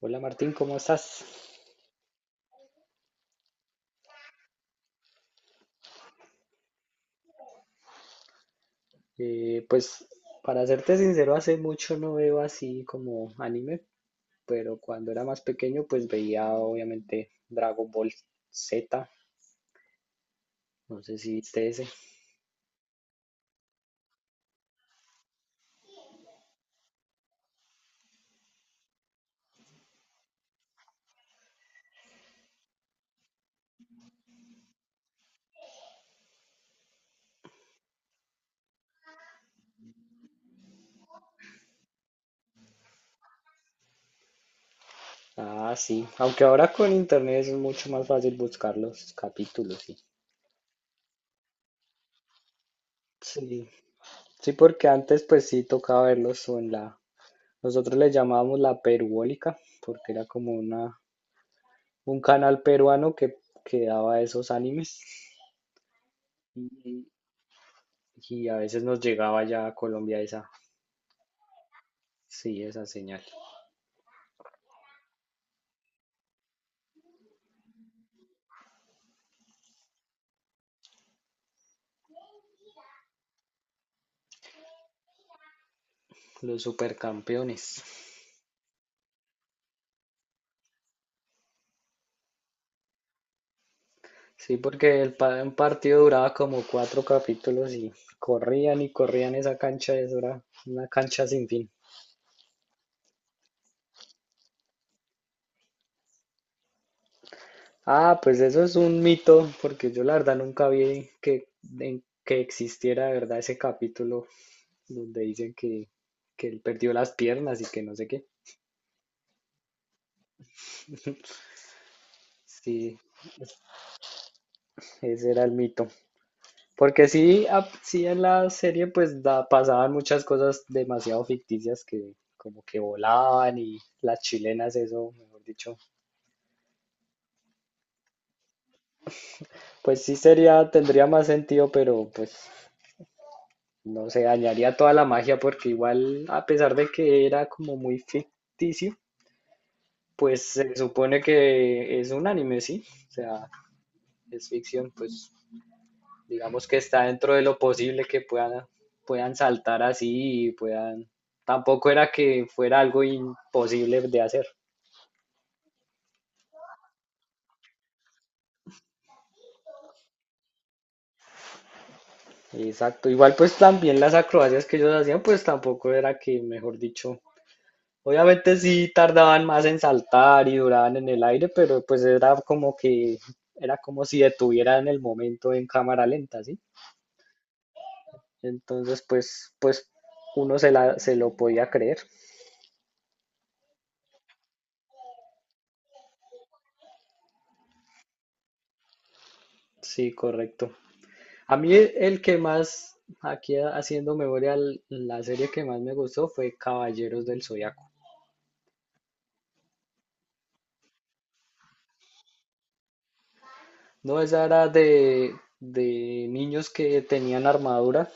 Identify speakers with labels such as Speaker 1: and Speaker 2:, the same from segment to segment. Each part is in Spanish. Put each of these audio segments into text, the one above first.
Speaker 1: Hola Martín, ¿cómo estás? Pues para serte sincero, hace mucho no veo así como anime, pero cuando era más pequeño pues veía obviamente Dragon Ball Z, no sé si viste ese. Ah, sí, aunque ahora con internet es mucho más fácil buscar los capítulos, sí. Sí, sí, porque antes pues sí tocaba verlos o en la, nosotros le llamábamos la Peruólica, porque era como una, un canal peruano que daba esos animes. Y a veces nos llegaba ya a Colombia esa, sí, esa señal. Los supercampeones. Sí, porque el un partido duraba como cuatro capítulos y corrían esa cancha, eso era una cancha sin fin. Ah, pues eso es un mito, porque yo la verdad nunca vi que existiera de verdad ese capítulo donde dicen que él perdió las piernas y que no sé qué. Sí, ese era el mito. Porque sí, sí en la serie pues pasaban muchas cosas demasiado ficticias que como que volaban y las chilenas eso, mejor dicho. Pues sí sería, tendría más sentido, pero pues no se dañaría toda la magia porque igual a pesar de que era como muy ficticio, pues se supone que es un anime, ¿sí? O sea, es ficción, pues digamos que está dentro de lo posible que puedan saltar así y tampoco era que fuera algo imposible de hacer. Exacto, igual pues también las acrobacias que ellos hacían pues tampoco era mejor dicho, obviamente sí tardaban más en saltar y duraban en el aire, pero pues era como si detuvieran el momento en cámara lenta, ¿sí? Entonces pues se lo podía creer. Sí, correcto. A mí el que más, aquí haciendo memoria, la serie que más me gustó fue Caballeros del Zodiaco. No, esa era de niños que tenían armadura,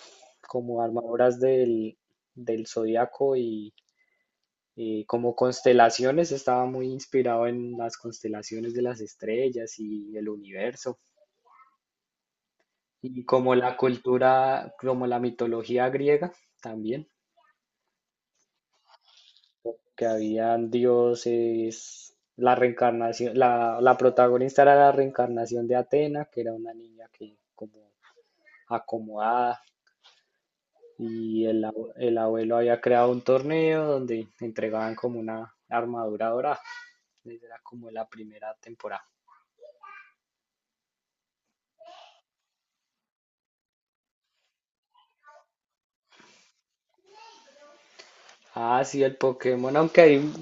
Speaker 1: como armaduras del Zodiaco y como constelaciones, estaba muy inspirado en las constelaciones de las estrellas y el universo, y como la cultura, como la mitología griega también. Que habían dioses, la reencarnación, la protagonista era la reencarnación de Atena, que era una niña que como acomodada, y el abuelo había creado un torneo donde entregaban como una armadura dorada. Esa era como la primera temporada. Ah, sí, el Pokémon,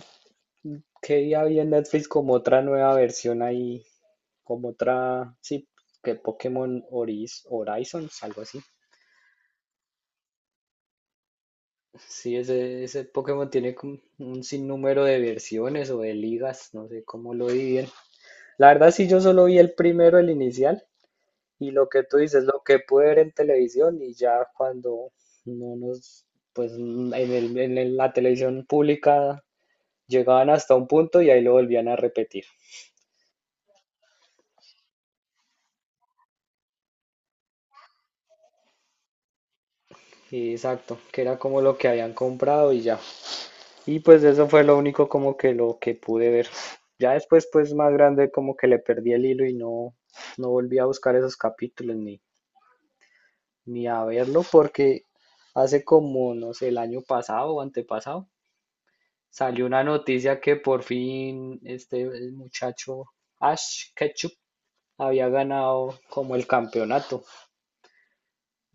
Speaker 1: que día había en Netflix como otra nueva versión ahí, como otra, sí, que Pokémon Oris, Horizons, algo así. Sí, ese Pokémon tiene como un sinnúmero de versiones o de ligas, no sé cómo lo dividen. La verdad, sí, yo solo vi el primero, el inicial, y lo que tú dices, lo que pude ver en televisión, y ya cuando no nos, pues la televisión pública llegaban hasta un punto y ahí lo volvían a repetir. Y exacto, que era como lo que habían comprado y ya. Y pues eso fue lo único como que lo que pude ver. Ya después, pues más grande, como que le perdí el hilo y no volví a buscar esos capítulos ni a verlo porque hace como, no sé, el año pasado o antepasado, salió una noticia que por fin este el muchacho Ash Ketchum había ganado como el campeonato.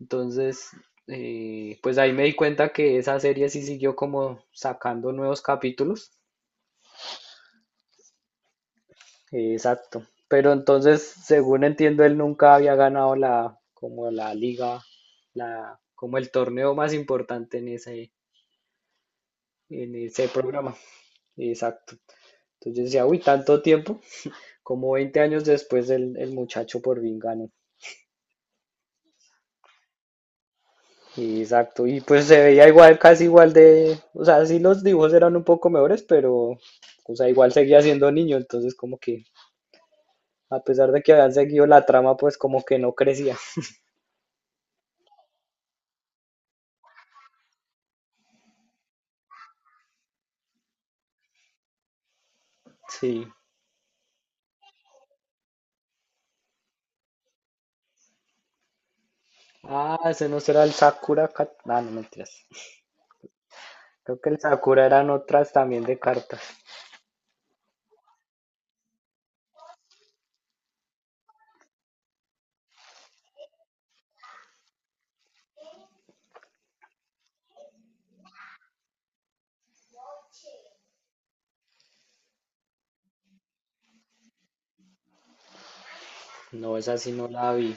Speaker 1: Entonces, pues ahí me di cuenta que esa serie sí siguió como sacando nuevos capítulos. Exacto. Pero entonces, según entiendo, él nunca había ganado como la liga, como el torneo más importante en ese programa. Exacto. Entonces yo decía, uy, tanto tiempo, como 20 años después el muchacho por fin ganó. Exacto. Y pues se veía igual, casi igual de, o sea, sí los dibujos eran un poco mejores, pero, o sea, igual seguía siendo niño, entonces como que, a pesar de que habían seguido la trama, pues como que no crecía. Sí. Ah, ese no será el Sakura Card. Ah, no mentiras. Creo que el Sakura eran otras también de cartas. No, esa sí no la vi.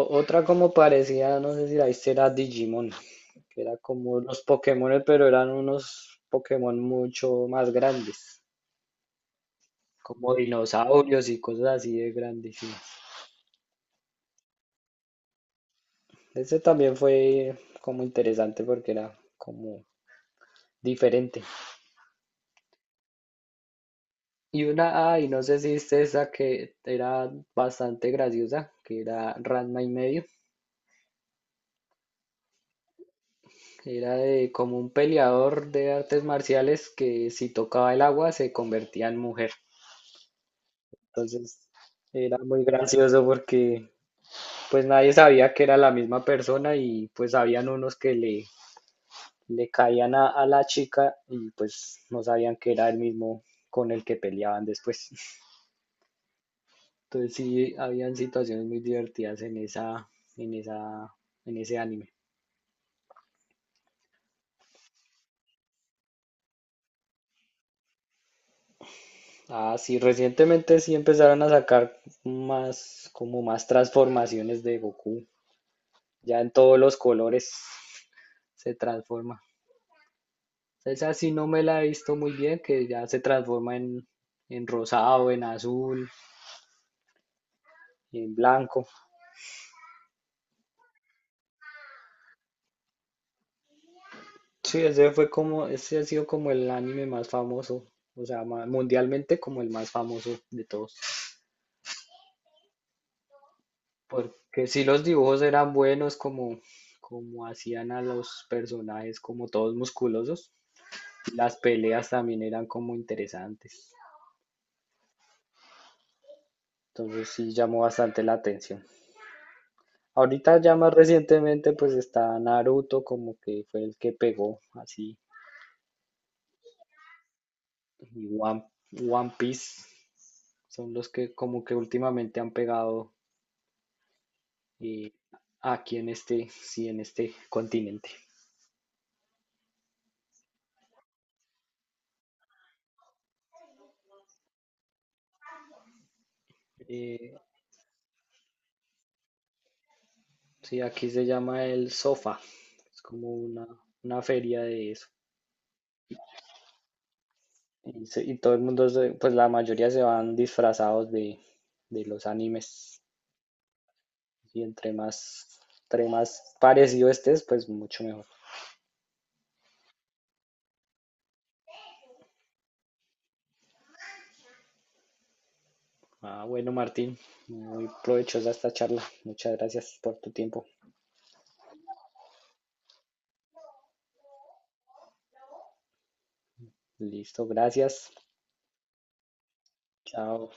Speaker 1: Otra como parecía, no sé si la viste, era Digimon, que era como los Pokémon, pero eran unos Pokémon mucho más grandes, como dinosaurios y cosas así de grandísimas. Ese también fue como interesante porque era como diferente. Y una, ay, no sé si viste esa que era bastante graciosa, que era Ranma y medio. Que era de como un peleador de artes marciales que si tocaba el agua se convertía en mujer. Entonces era muy gracioso porque pues nadie sabía que era la misma persona y pues habían unos que le caían a la chica y pues no sabían que era el mismo con el que peleaban después. Entonces sí, habían situaciones muy divertidas en en esa, en ese anime. Ah, sí, recientemente sí empezaron a sacar más, como más transformaciones de Goku. Ya en todos los colores se transforma. Esa sí no me la he visto muy bien, que ya se transforma en rosado, en azul, en blanco. Sí, ese fue como, ese ha sido como el anime más famoso, o sea, mundialmente como el más famoso de todos. Porque sí los dibujos eran buenos, como, como hacían a los personajes, como todos musculosos. Las peleas también eran como interesantes. Entonces sí llamó bastante la atención. Ahorita ya más recientemente pues está Naruto como que fue el que pegó así y One Piece son los que como que últimamente han pegado eh, sí, en este continente. Eh, sí, aquí se llama el Sofa, es como una feria de eso. Y todo el mundo, pues la mayoría se van disfrazados de los animes. Y entre más parecido estés, pues mucho mejor. Ah, bueno, Martín, muy provechosa esta charla. Muchas gracias por tu tiempo. Listo, gracias. Chao.